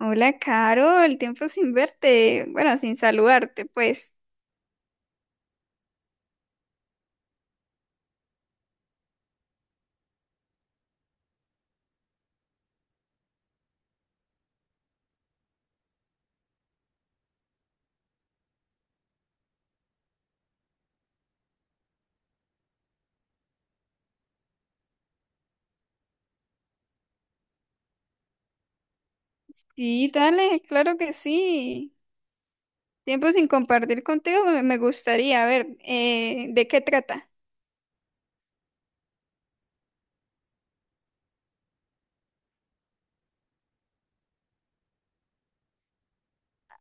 Hola, Carol, tiempo sin verte, bueno, sin saludarte, pues. Sí, dale, claro que sí. Tiempo sin compartir contigo, me gustaría, a ver, ¿de qué trata?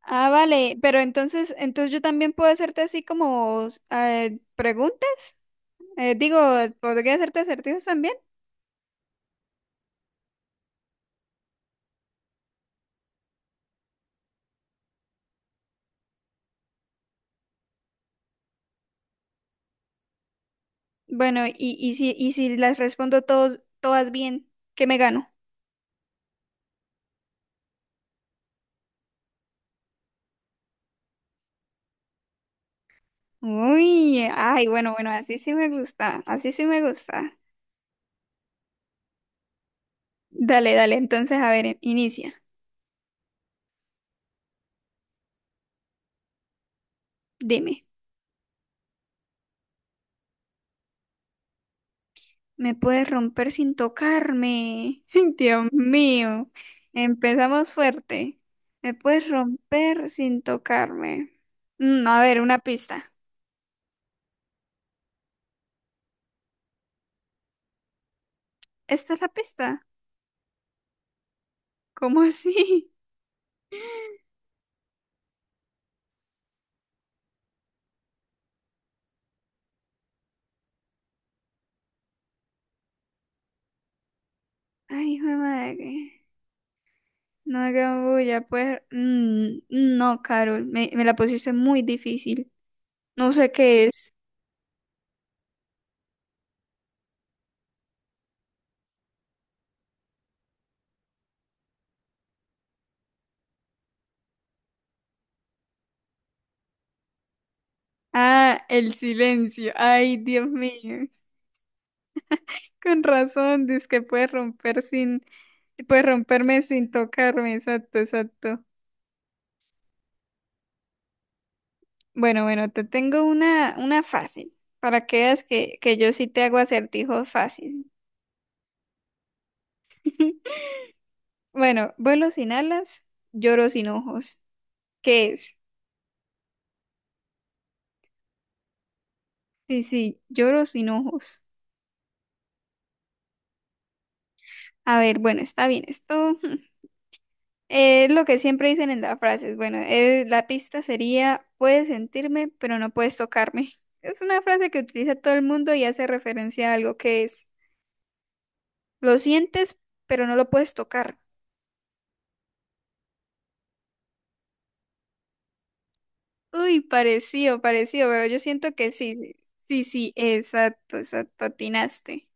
Ah, vale, pero entonces yo también puedo hacerte así como preguntas. Digo, ¿podría hacerte acertijos también? Bueno, y si las respondo todos, todas bien, ¿qué me gano? Uy, ay, bueno, bueno, así sí me gusta, así sí me gusta. Dale, dale, entonces, a ver, inicia. Dime, ¿me puedes romper sin tocarme? Ay, Dios mío, empezamos fuerte. ¿Me puedes romper sin tocarme? A ver, una pista. ¿Esta es la pista? ¿Cómo así? Ay, hijo de madre. No hagas bulla, pues. No, Carol, me la pusiste muy difícil. No sé qué es. Ah, el silencio. Ay, Dios mío. Con razón, dice que puedes romper sin, puedes romperme sin tocarme, exacto, exacto. Bueno, bueno, te tengo una fácil, para que veas que yo sí te hago acertijos fácil. Bueno, vuelo sin alas, lloro sin ojos. ¿Qué es? Sí, sí, lloro sin ojos. A ver, bueno, está bien, esto. Lo que siempre dicen en las frases, bueno, la pista sería, puedes sentirme, pero no puedes tocarme. Es una frase que utiliza todo el mundo y hace referencia a algo que es, lo sientes, pero no lo puedes tocar. Uy, parecido, parecido, pero yo siento que sí, sí, sí, exacto, exacto, atinaste.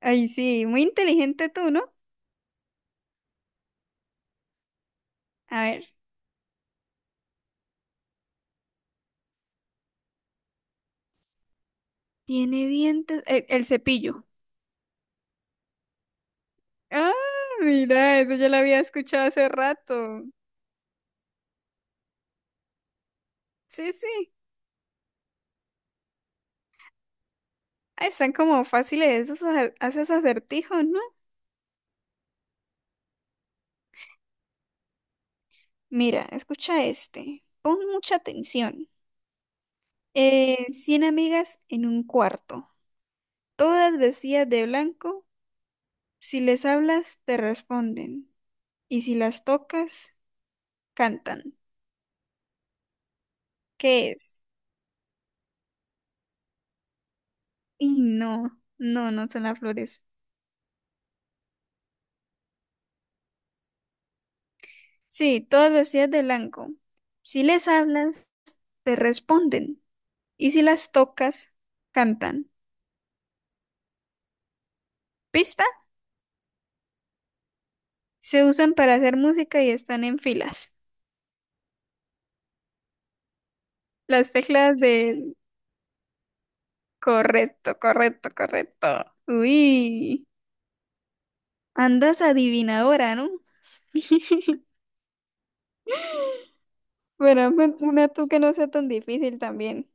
Ay, sí, muy inteligente tú, ¿no? A ver, tiene dientes, el cepillo. Ah, mira, eso ya lo había escuchado hace rato. Sí, sí. Ah, están como fáciles esos haces acertijos, ¿no? Mira, escucha este. Pon mucha atención. 100 amigas en un cuarto, todas vestidas de blanco. Si les hablas, te responden. Y si las tocas, cantan. ¿Qué es? Y no, no, no son las flores. Sí, todas vestidas de blanco. Si les hablas, te responden. Y si las tocas, cantan. ¿Pista? Se usan para hacer música y están en filas. Las teclas de... Correcto, correcto, correcto. Uy, andas adivinadora, ¿no? Bueno, hazme una tú que no sea tan difícil también.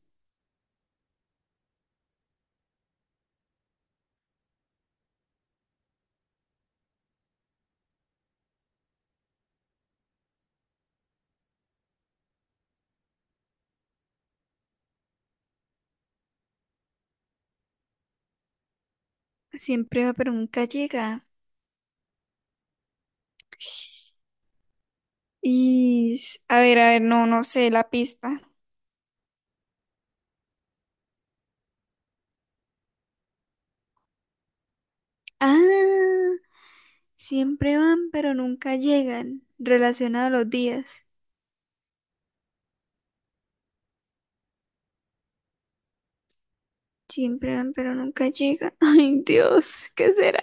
Siempre va, pero nunca llega. Y... a ver, a ver, no, no sé la pista. Ah, siempre van, pero nunca llegan. Relacionado a los días. Siempre van, pero nunca llegan. Ay, Dios, ¿qué será?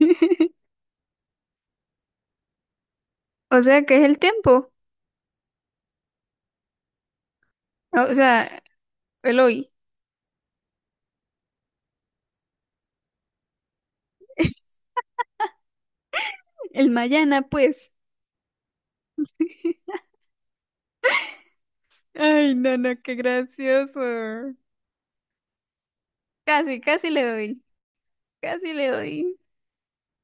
O sea, ¿qué es el tiempo. O sea, el hoy, el mañana, pues. Ay, no, no, qué gracioso. Casi, casi le doy, casi le doy.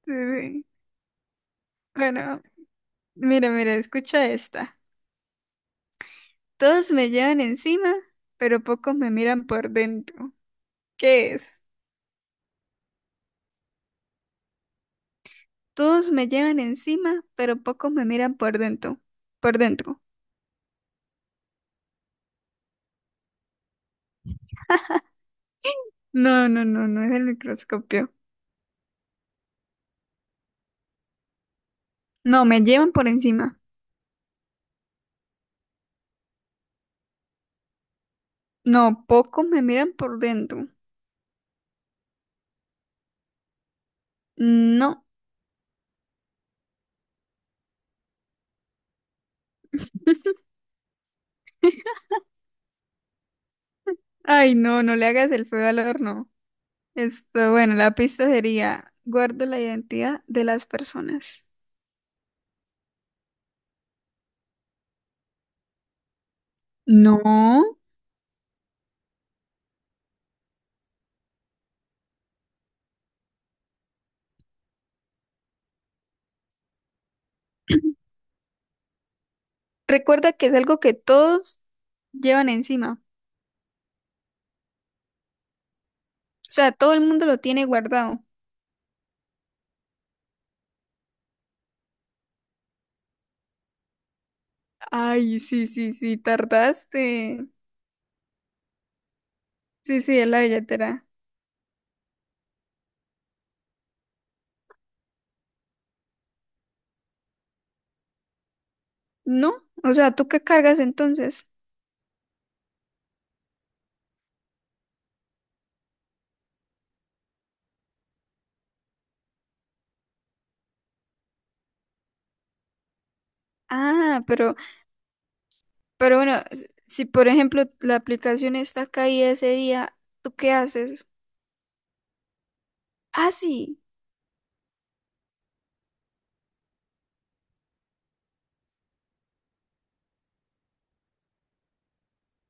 Sí, sí. Bueno, mira, mira, escucha esta. Todos me llevan encima, pero pocos me miran por dentro. ¿Qué es? Todos me llevan encima, pero pocos me miran por dentro. Por dentro. No, no, no, no es el microscopio. No, me llevan por encima. No, pocos me miran por dentro. No. Ay, no, no le hagas el feo al horno. Esto, bueno, la pista sería, guardo la identidad de las personas. No. Recuerda que es algo que todos llevan encima. O sea, todo el mundo lo tiene guardado. Ay, sí, sí, sí, tardaste. Sí, sí, es la billetera. ¿No? O sea, ¿tú qué cargas entonces? Ah, pero bueno, si por ejemplo la aplicación está caída ese día, ¿tú qué haces? Ah, sí.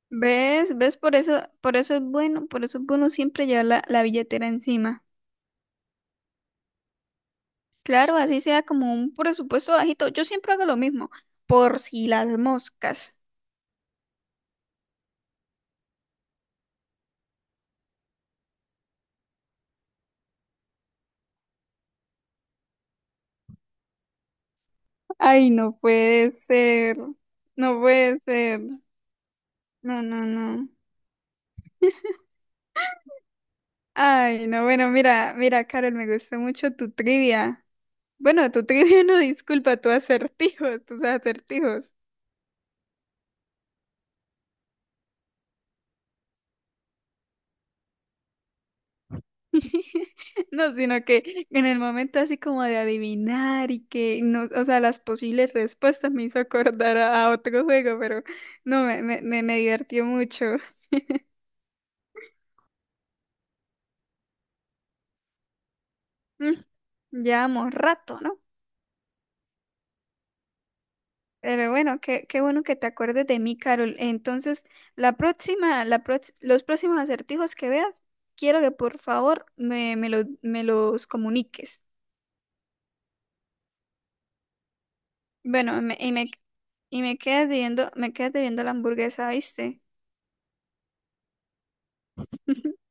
¿Ves? ¿Ves? Por eso es bueno, por eso es bueno siempre llevar la, la billetera encima. Claro, así sea como un presupuesto bajito. Yo siempre hago lo mismo, por si las moscas. Ay, no puede ser. No puede ser. No, no, no. Ay, no, bueno, mira, mira, Carol, me gustó mucho tu trivia. Bueno, tu trivia no, disculpa, tus acertijos, tus acertijos. No, sino que en el momento así como de adivinar y que no, o sea, las posibles respuestas me hizo acordar a otro juego, pero no, me divertió mucho. Mm, Llevamos rato, ¿no? Pero bueno, qué, qué bueno que te acuerdes de mí, Carol. Entonces, la próxima, los próximos acertijos que veas, quiero que por favor me los comuniques. Bueno, y me quedas debiendo la hamburguesa, ¿viste?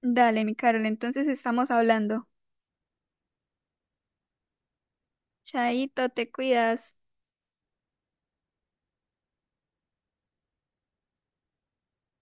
Dale, mi Carol, entonces estamos hablando. Chaito, te cuidas.